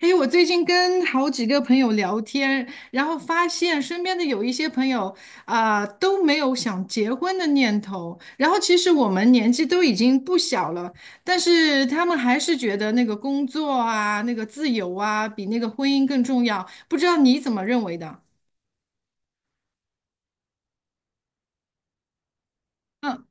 哎，我最近跟好几个朋友聊天，然后发现身边的有一些朋友啊、都没有想结婚的念头。然后其实我们年纪都已经不小了，但是他们还是觉得那个工作啊、那个自由啊，比那个婚姻更重要。不知道你怎么认为的？嗯。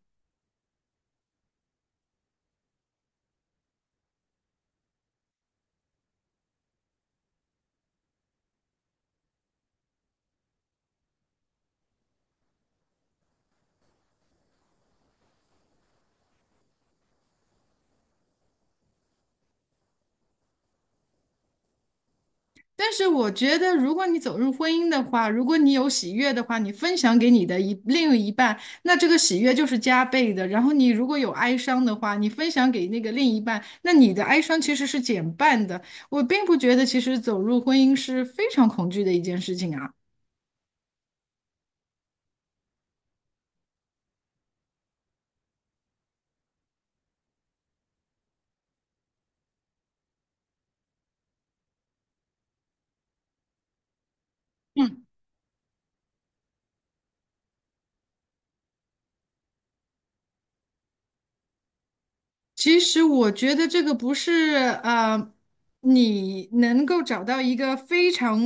但是我觉得，如果你走入婚姻的话，如果你有喜悦的话，你分享给你的一另一半，那这个喜悦就是加倍的。然后你如果有哀伤的话，你分享给那个另一半，那你的哀伤其实是减半的。我并不觉得，其实走入婚姻是非常恐惧的一件事情啊。其实我觉得这个不是呃，你能够找到一个非常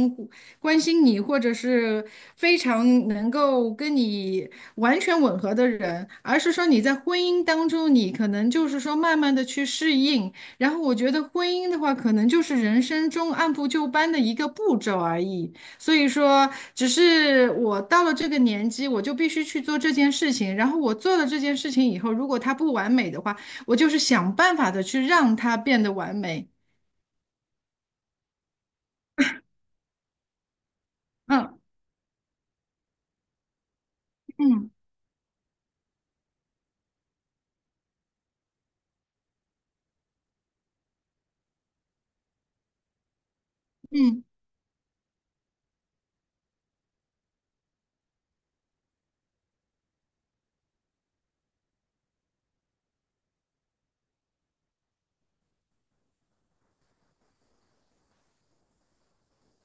关心你，或者是非常能够跟你完全吻合的人，而是说你在婚姻当中，你可能就是说慢慢的去适应。然后我觉得婚姻的话，可能就是人生中按部就班的一个步骤而已。所以说，只是我到了这个年纪，我就必须去做这件事情。然后我做了这件事情以后，如果它不完美的话，我就是想办法的去让它变得完美。嗯嗯，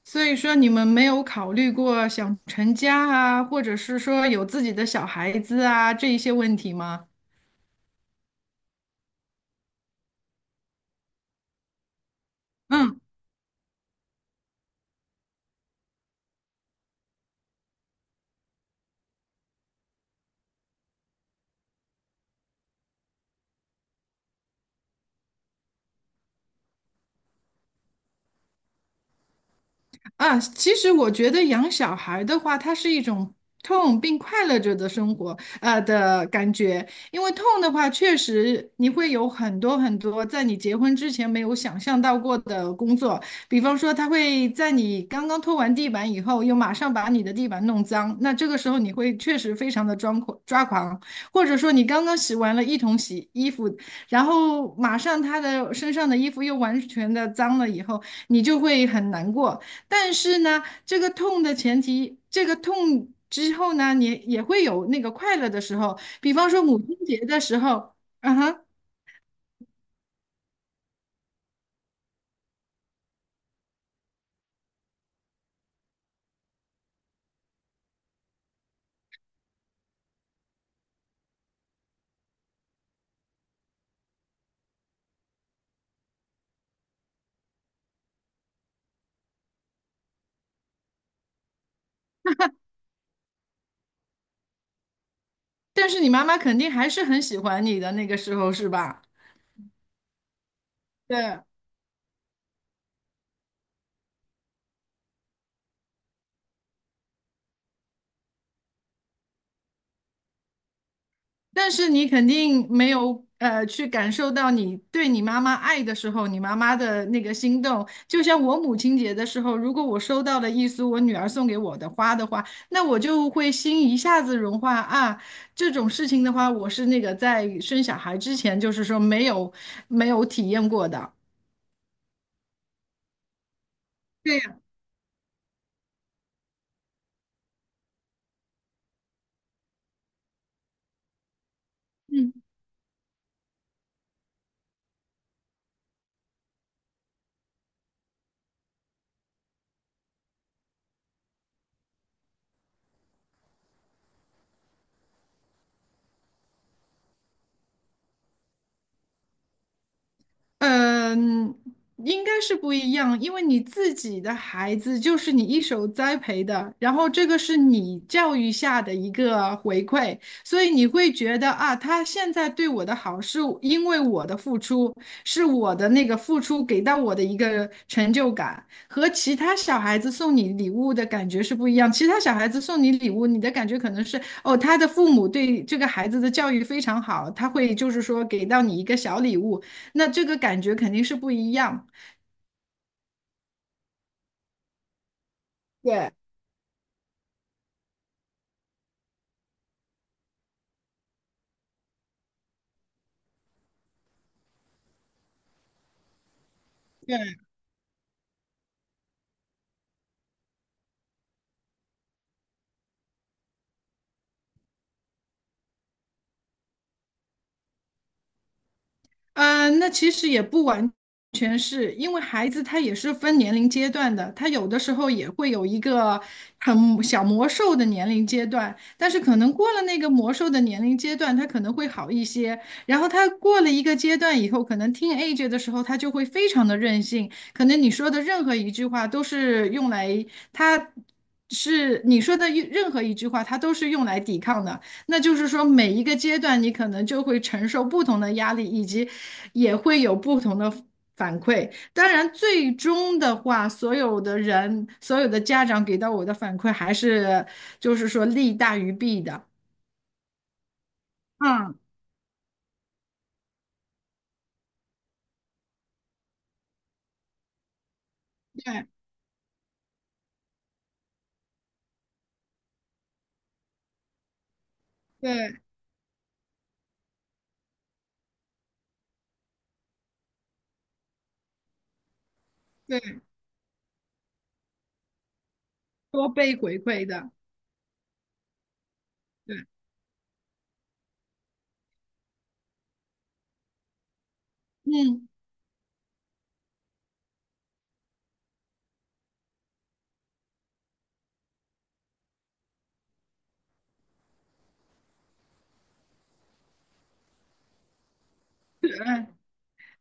所以说你们没有考虑过想成家啊，或者是说有自己的小孩子啊，这一些问题吗？嗯。啊，其实我觉得养小孩儿的话，它是一种痛并快乐着的生活，的感觉。因为痛的话，确实你会有很多很多在你结婚之前没有想象到过的工作，比方说他会在你刚刚拖完地板以后，又马上把你的地板弄脏，那这个时候你会确实非常的抓狂抓狂，或者说你刚刚洗完了一桶洗衣服，然后马上他的身上的衣服又完全的脏了以后，你就会很难过。但是呢，这个痛的前提，这个痛之后呢，你也会有那个快乐的时候，比方说母亲节的时候，嗯哼，但是你妈妈肯定还是很喜欢你的那个时候，是吧？对，但是你肯定没有去感受到你对你妈妈爱的时候，你妈妈的那个心动。就像我母亲节的时候，如果我收到了一束我女儿送给我的花的话，那我就会心一下子融化啊。这种事情的话，我是那个在生小孩之前，就是说没有体验过的。对呀，嗯。嗯，应该是不一样，因为你自己的孩子就是你一手栽培的，然后这个是你教育下的一个回馈，所以你会觉得啊，他现在对我的好是因为我的付出，是我的那个付出给到我的一个成就感，和其他小孩子送你礼物的感觉是不一样。其他小孩子送你礼物，你的感觉可能是哦，他的父母对这个孩子的教育非常好，他会就是说给到你一个小礼物。那这个感觉肯定是不一样。对，那其实也不完全是因为孩子他也是分年龄阶段的，他有的时候也会有一个很小魔兽的年龄阶段，但是可能过了那个魔兽的年龄阶段，他可能会好一些。然后他过了一个阶段以后，可能听 a g e 的时候，他就会非常的任性，可能你说的任何一句话都是用来他。是你说的一任何一句话，他都是用来抵抗的。那就是说，每一个阶段你可能就会承受不同的压力，以及也会有不同的反馈。当然，最终的话，所有的人、所有的家长给到我的反馈还是就是说利大于弊的。嗯，对对对，多倍回馈的。嗯。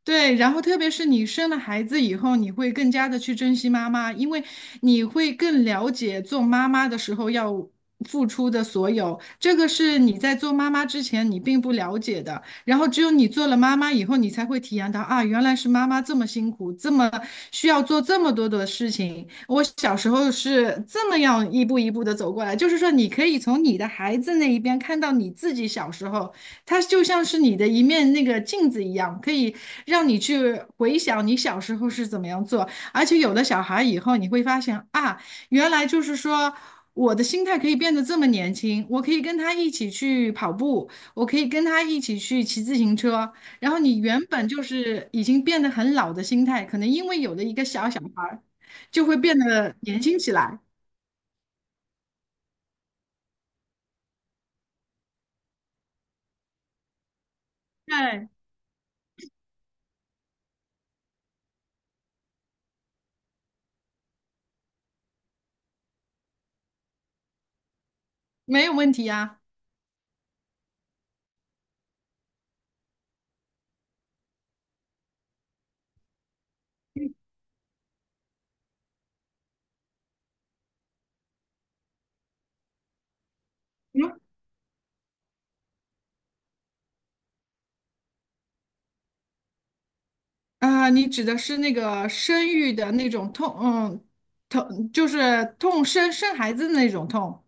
对，然后特别是你生了孩子以后，你会更加的去珍惜妈妈，因为你会更了解做妈妈的时候要付出的所有，这个是你在做妈妈之前你并不了解的。然后只有你做了妈妈以后，你才会体验到啊，原来是妈妈这么辛苦，这么需要做这么多的事情。我小时候是这么样一步一步的走过来，就是说你可以从你的孩子那一边看到你自己小时候。它就像是你的一面那个镜子一样，可以让你去回想你小时候是怎么样做。而且有了小孩以后，你会发现啊，原来就是说我的心态可以变得这么年轻，我可以跟他一起去跑步，我可以跟他一起去骑自行车。然后你原本就是已经变得很老的心态，可能因为有了一个小小孩儿，就会变得年轻起来。对，没有问题啊。啊，你指的是那个生育的那种痛，嗯，痛就是痛生生孩子的那种痛。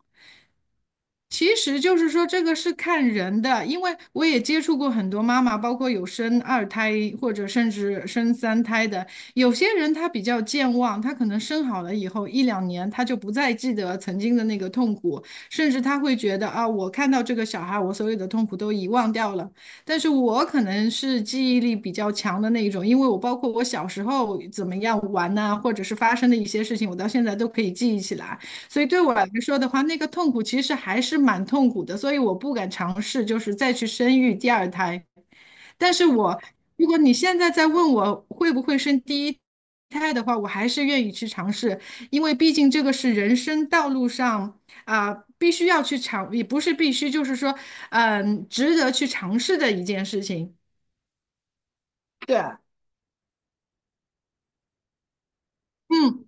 其实就是说，这个是看人的，因为我也接触过很多妈妈，包括有生二胎或者甚至生三胎的。有些人他比较健忘，他可能生好了以后一两年，他就不再记得曾经的那个痛苦，甚至他会觉得啊，我看到这个小孩，我所有的痛苦都遗忘掉了。但是我可能是记忆力比较强的那一种，因为我包括我小时候怎么样玩呐、或者是发生的一些事情，我到现在都可以记忆起来。所以对我来说的话，那个痛苦其实还是蛮痛苦的，所以我不敢尝试，就是再去生育第二胎。但是我，如果你现在再问我会不会生第一胎的话，我还是愿意去尝试，因为毕竟这个是人生道路上啊、必须要去尝，也不是必须，就是说，值得去尝试的一件事情。对，嗯。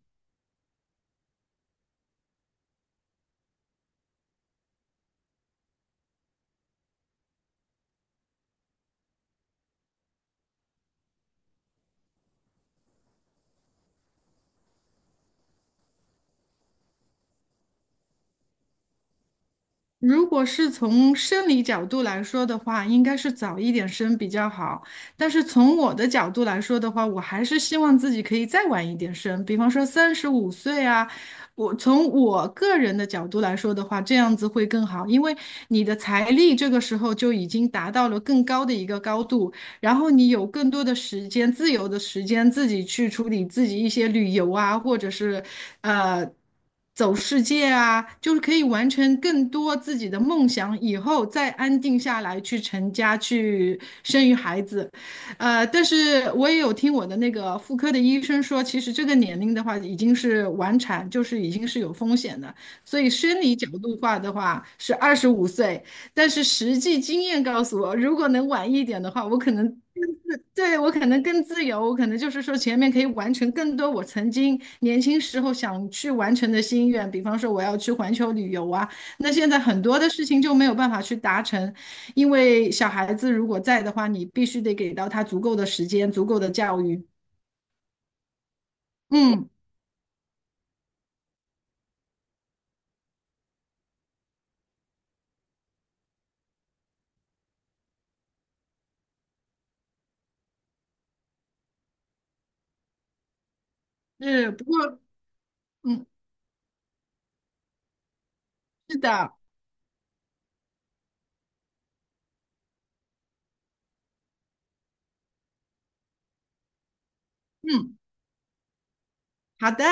如果是从生理角度来说的话，应该是早一点生比较好。但是从我的角度来说的话，我还是希望自己可以再晚一点生，比方说35岁啊。我从我个人的角度来说的话，这样子会更好，因为你的财力这个时候就已经达到了更高的一个高度。然后你有更多的时间，自由的时间，自己去处理自己一些旅游啊，或者是呃走世界啊，就是可以完成更多自己的梦想，以后再安定下来去成家，去生育孩子。呃，但是我也有听我的那个妇科的医生说，其实这个年龄的话，已经是晚产，就是已经是有风险的。所以生理角度化的话，是25岁。但是实际经验告诉我，如果能晚一点的话，我可能对，我可能更自由，我可能就是说前面可以完成更多我曾经年轻时候想去完成的心愿，比方说我要去环球旅游啊，那现在很多的事情就没有办法去达成，因为小孩子如果在的话，你必须得给到他足够的时间，足够的教育。嗯，是，不过，嗯，是的，嗯，好的。